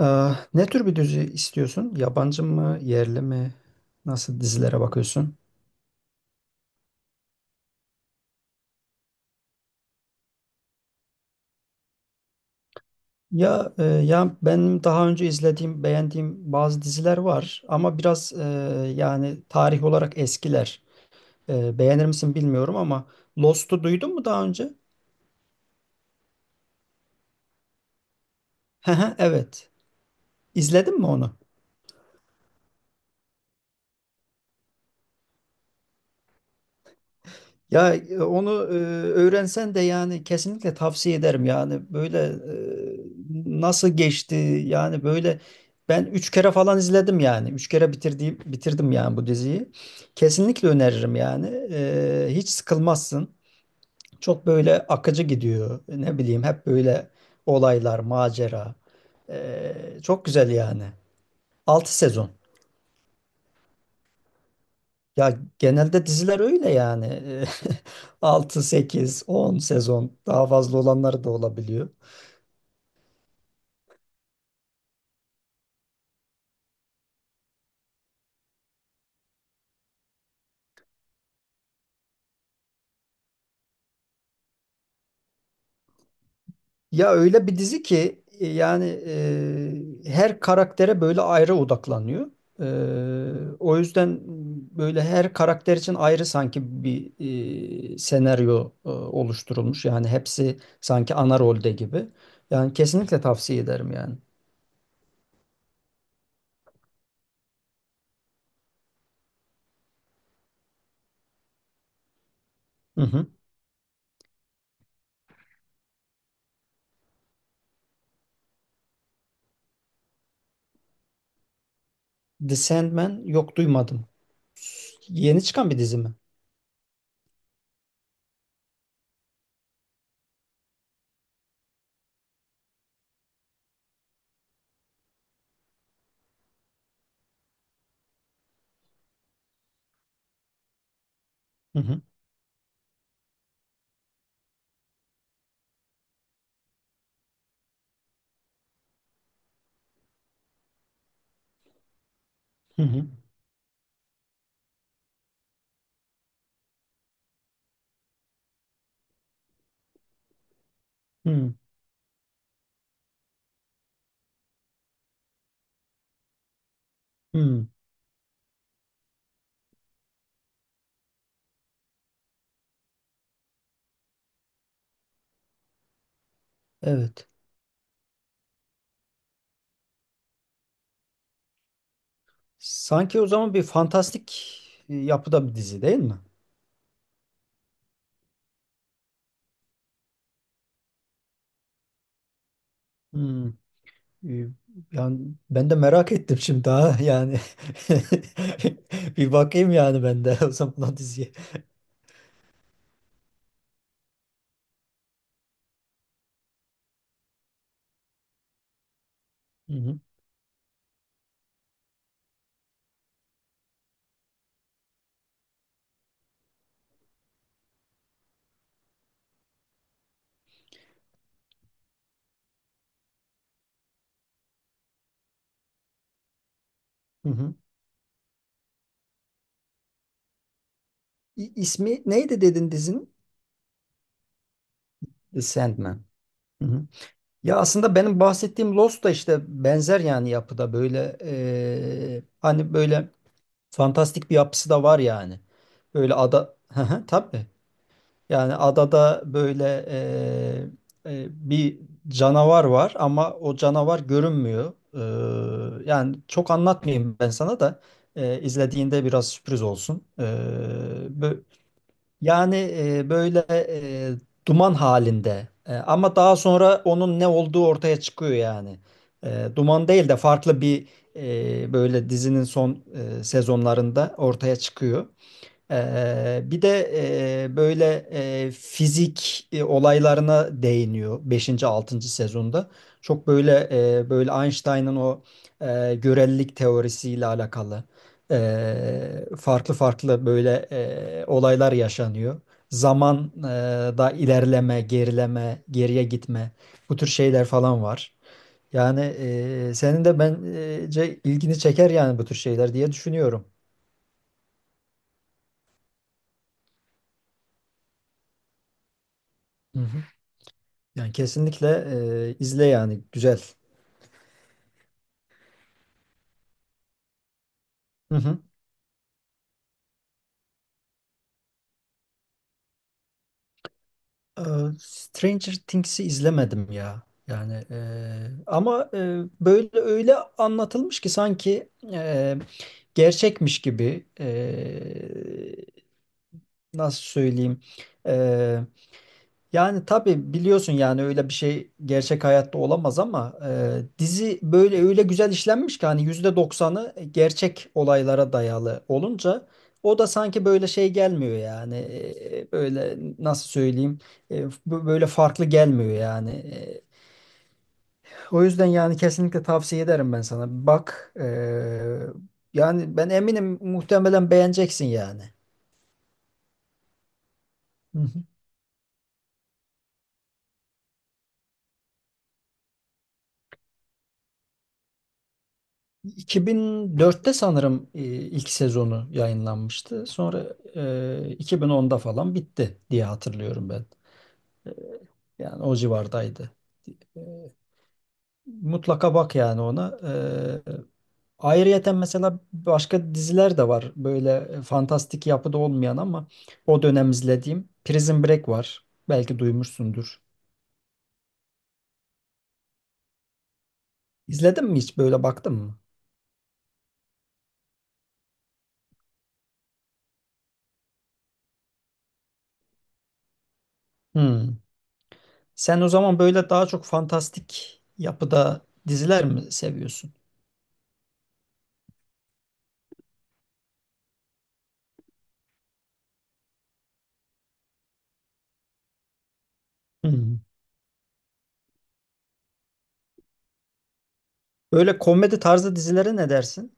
Ee, ne tür bir dizi istiyorsun? Yabancı mı, yerli mi? Nasıl dizilere bakıyorsun? Ya benim daha önce izlediğim, beğendiğim bazı diziler var ama biraz yani tarih olarak eskiler. Beğenir misin bilmiyorum ama Lost'u duydun mu daha önce? Hı hı, evet. İzledin mi onu? Ya onu öğrensen de yani kesinlikle tavsiye ederim. Yani böyle nasıl geçti yani. Böyle ben üç kere falan izledim yani üç kere bitirdim yani bu diziyi. Kesinlikle öneririm yani. Hiç sıkılmazsın, çok böyle akıcı gidiyor, ne bileyim hep böyle olaylar, macera. Çok güzel yani. Altı sezon. Ya genelde diziler öyle yani. Altı, sekiz, 10 sezon, daha fazla olanları da olabiliyor. Ya öyle bir dizi ki yani her karaktere böyle ayrı odaklanıyor. O yüzden böyle her karakter için ayrı sanki bir senaryo oluşturulmuş. Yani hepsi sanki ana rolde gibi. Yani kesinlikle tavsiye ederim yani. Hı hı. The Sandman, yok duymadım. Yeni çıkan bir dizi mi? Hı hı. Hı hı. Hı. Hmm, evet. Sanki o zaman bir fantastik yapıda bir dizi, değil mi? Hmm, e, yani ben de merak ettim şimdi daha yani. Bir bakayım yani ben de o zaman o diziye. Hı hı, hı hı. İsmi neydi dedin dizinin? The Sandman. Hı hı. Ya aslında benim bahsettiğim Lost da işte benzer yani yapıda böyle, hani böyle fantastik bir yapısı da var yani. Böyle ada. Hı hı, tabii. Yani adada böyle bir canavar var ama o canavar görünmüyor. Yani çok anlatmayayım ben sana da, izlediğinde biraz sürpriz olsun. Bö- yani böyle duman halinde, ama daha sonra onun ne olduğu ortaya çıkıyor yani. Duman değil de farklı bir, böyle dizinin son sezonlarında ortaya çıkıyor. Bir de böyle fizik olaylarına değiniyor beşinci altıncı sezonda. Çok böyle böyle Einstein'ın o görelilik teorisiyle alakalı farklı farklı böyle olaylar yaşanıyor. Zaman da ilerleme, gerileme, geriye gitme, bu tür şeyler falan var. Yani senin de bence ilgini çeker yani, bu tür şeyler diye düşünüyorum. Hı hı. Yani kesinlikle izle yani, güzel. Hı hı. E, Stranger Things'i izlemedim ya. Yani ama böyle öyle anlatılmış ki sanki gerçekmiş gibi, nasıl söyleyeyim, e, yani tabii biliyorsun yani öyle bir şey gerçek hayatta olamaz ama dizi böyle öyle güzel işlenmiş ki hani %90'ı gerçek olaylara dayalı olunca o da sanki böyle şey gelmiyor yani, böyle nasıl söyleyeyim, böyle farklı gelmiyor yani. O yüzden yani kesinlikle tavsiye ederim ben sana. Bak, yani ben eminim muhtemelen beğeneceksin yani. Hı hı. 2004'te sanırım ilk sezonu yayınlanmıştı. Sonra 2010'da falan bitti diye hatırlıyorum ben. Yani o civardaydı. E, Mutlaka bak yani ona. E, Ayrıyeten mesela başka diziler de var. Böyle fantastik yapıda olmayan ama o dönem izlediğim Prison Break var. Belki duymuşsundur. İzledin mi, hiç böyle baktın mı? Hmm. Sen o zaman böyle daha çok fantastik yapıda diziler mi seviyorsun? Hmm. Böyle komedi tarzı dizilere ne dersin?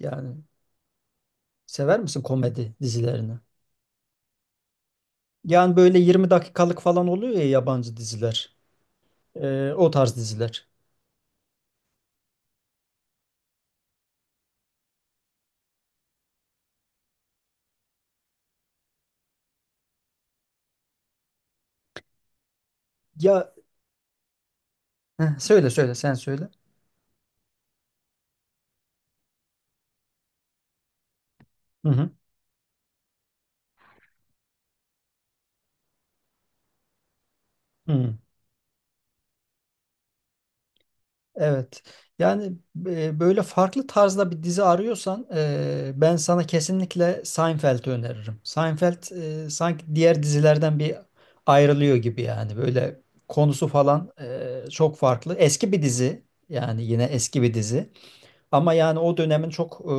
Yani sever misin komedi dizilerini? Yani böyle 20 dakikalık falan oluyor ya, yabancı diziler. O tarz diziler. Ya, heh, söyle söyle, sen söyle. Hı hı. Hı. Evet. Yani böyle farklı tarzda bir dizi arıyorsan, ben sana kesinlikle Seinfeld'i öneririm. Seinfeld sanki diğer dizilerden bir ayrılıyor gibi yani. Böyle konusu falan çok farklı. Eski bir dizi yani, yine eski bir dizi. Ama yani o dönemin çok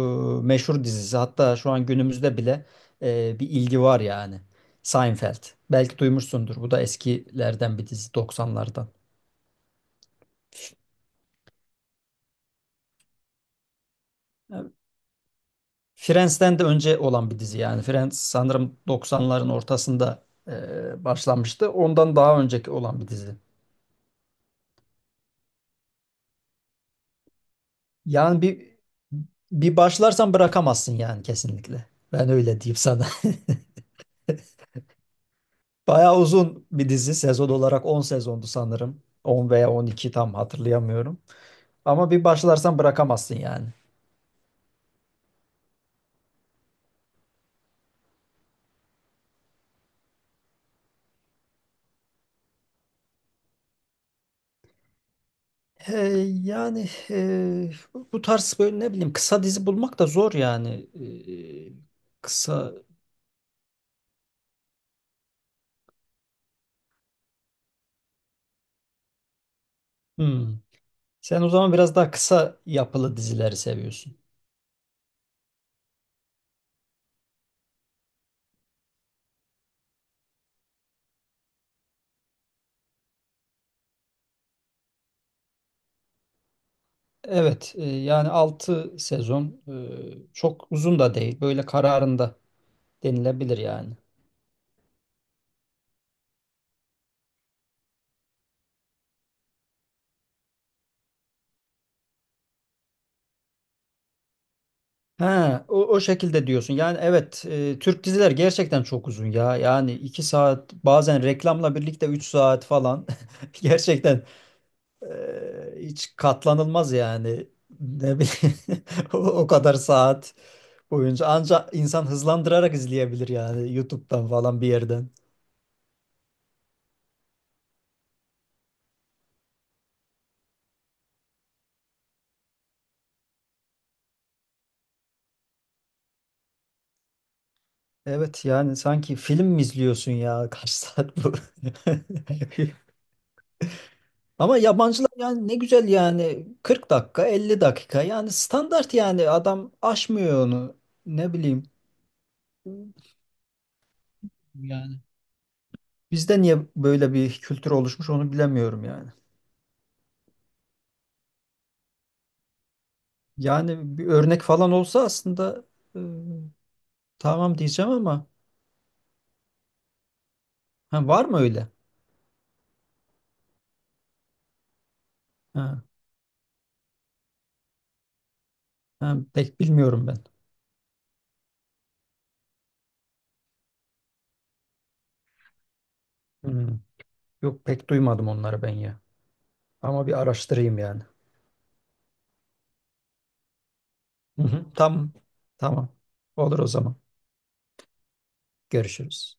meşhur dizisi. Hatta şu an günümüzde bile bir ilgi var yani. Seinfeld. Belki duymuşsundur. Bu da eskilerden bir dizi, doksanlardan. Friends'ten de önce olan bir dizi yani. Friends sanırım 90'ların ortasında başlanmıştı. Ondan daha önceki olan bir dizi. Yani bir başlarsan bırakamazsın yani, kesinlikle. Ben öyle diyeyim sana. Bayağı uzun bir dizi. Sezon olarak 10 sezondu sanırım. 10 veya 12, tam hatırlayamıyorum. Ama bir başlarsan bırakamazsın yani. Ee, yani bu tarz böyle ne bileyim, kısa dizi bulmak da zor yani. Kısa. Hmm. Sen o zaman biraz daha kısa yapılı dizileri seviyorsun. Evet, yani 6 sezon çok uzun da değil. Böyle kararında denilebilir yani. Ha, o şekilde diyorsun. Yani evet, Türk diziler gerçekten çok uzun ya. Yani 2 saat, bazen reklamla birlikte 3 saat falan. Gerçekten, e, hiç katlanılmaz yani. Ne bileyim, o kadar saat boyunca ancak insan hızlandırarak izleyebilir yani, YouTube'dan falan bir yerden. Evet yani sanki film mi izliyorsun ya? Kaç saat bu? Ama yabancılar yani ne güzel yani, 40 dakika, 50 dakika yani standart, yani adam aşmıyor onu, ne bileyim. Yani bizde niye böyle bir kültür oluşmuş onu bilemiyorum yani. Yani bir örnek falan olsa aslında, e, tamam diyeceğim ama, ha, var mı öyle? Ha, ha, pek bilmiyorum ben. Hmm. Yok pek duymadım onları ben ya. Ama bir araştırayım yani. Hı hı, tamam. Tamam. Olur o zaman. Görüşürüz.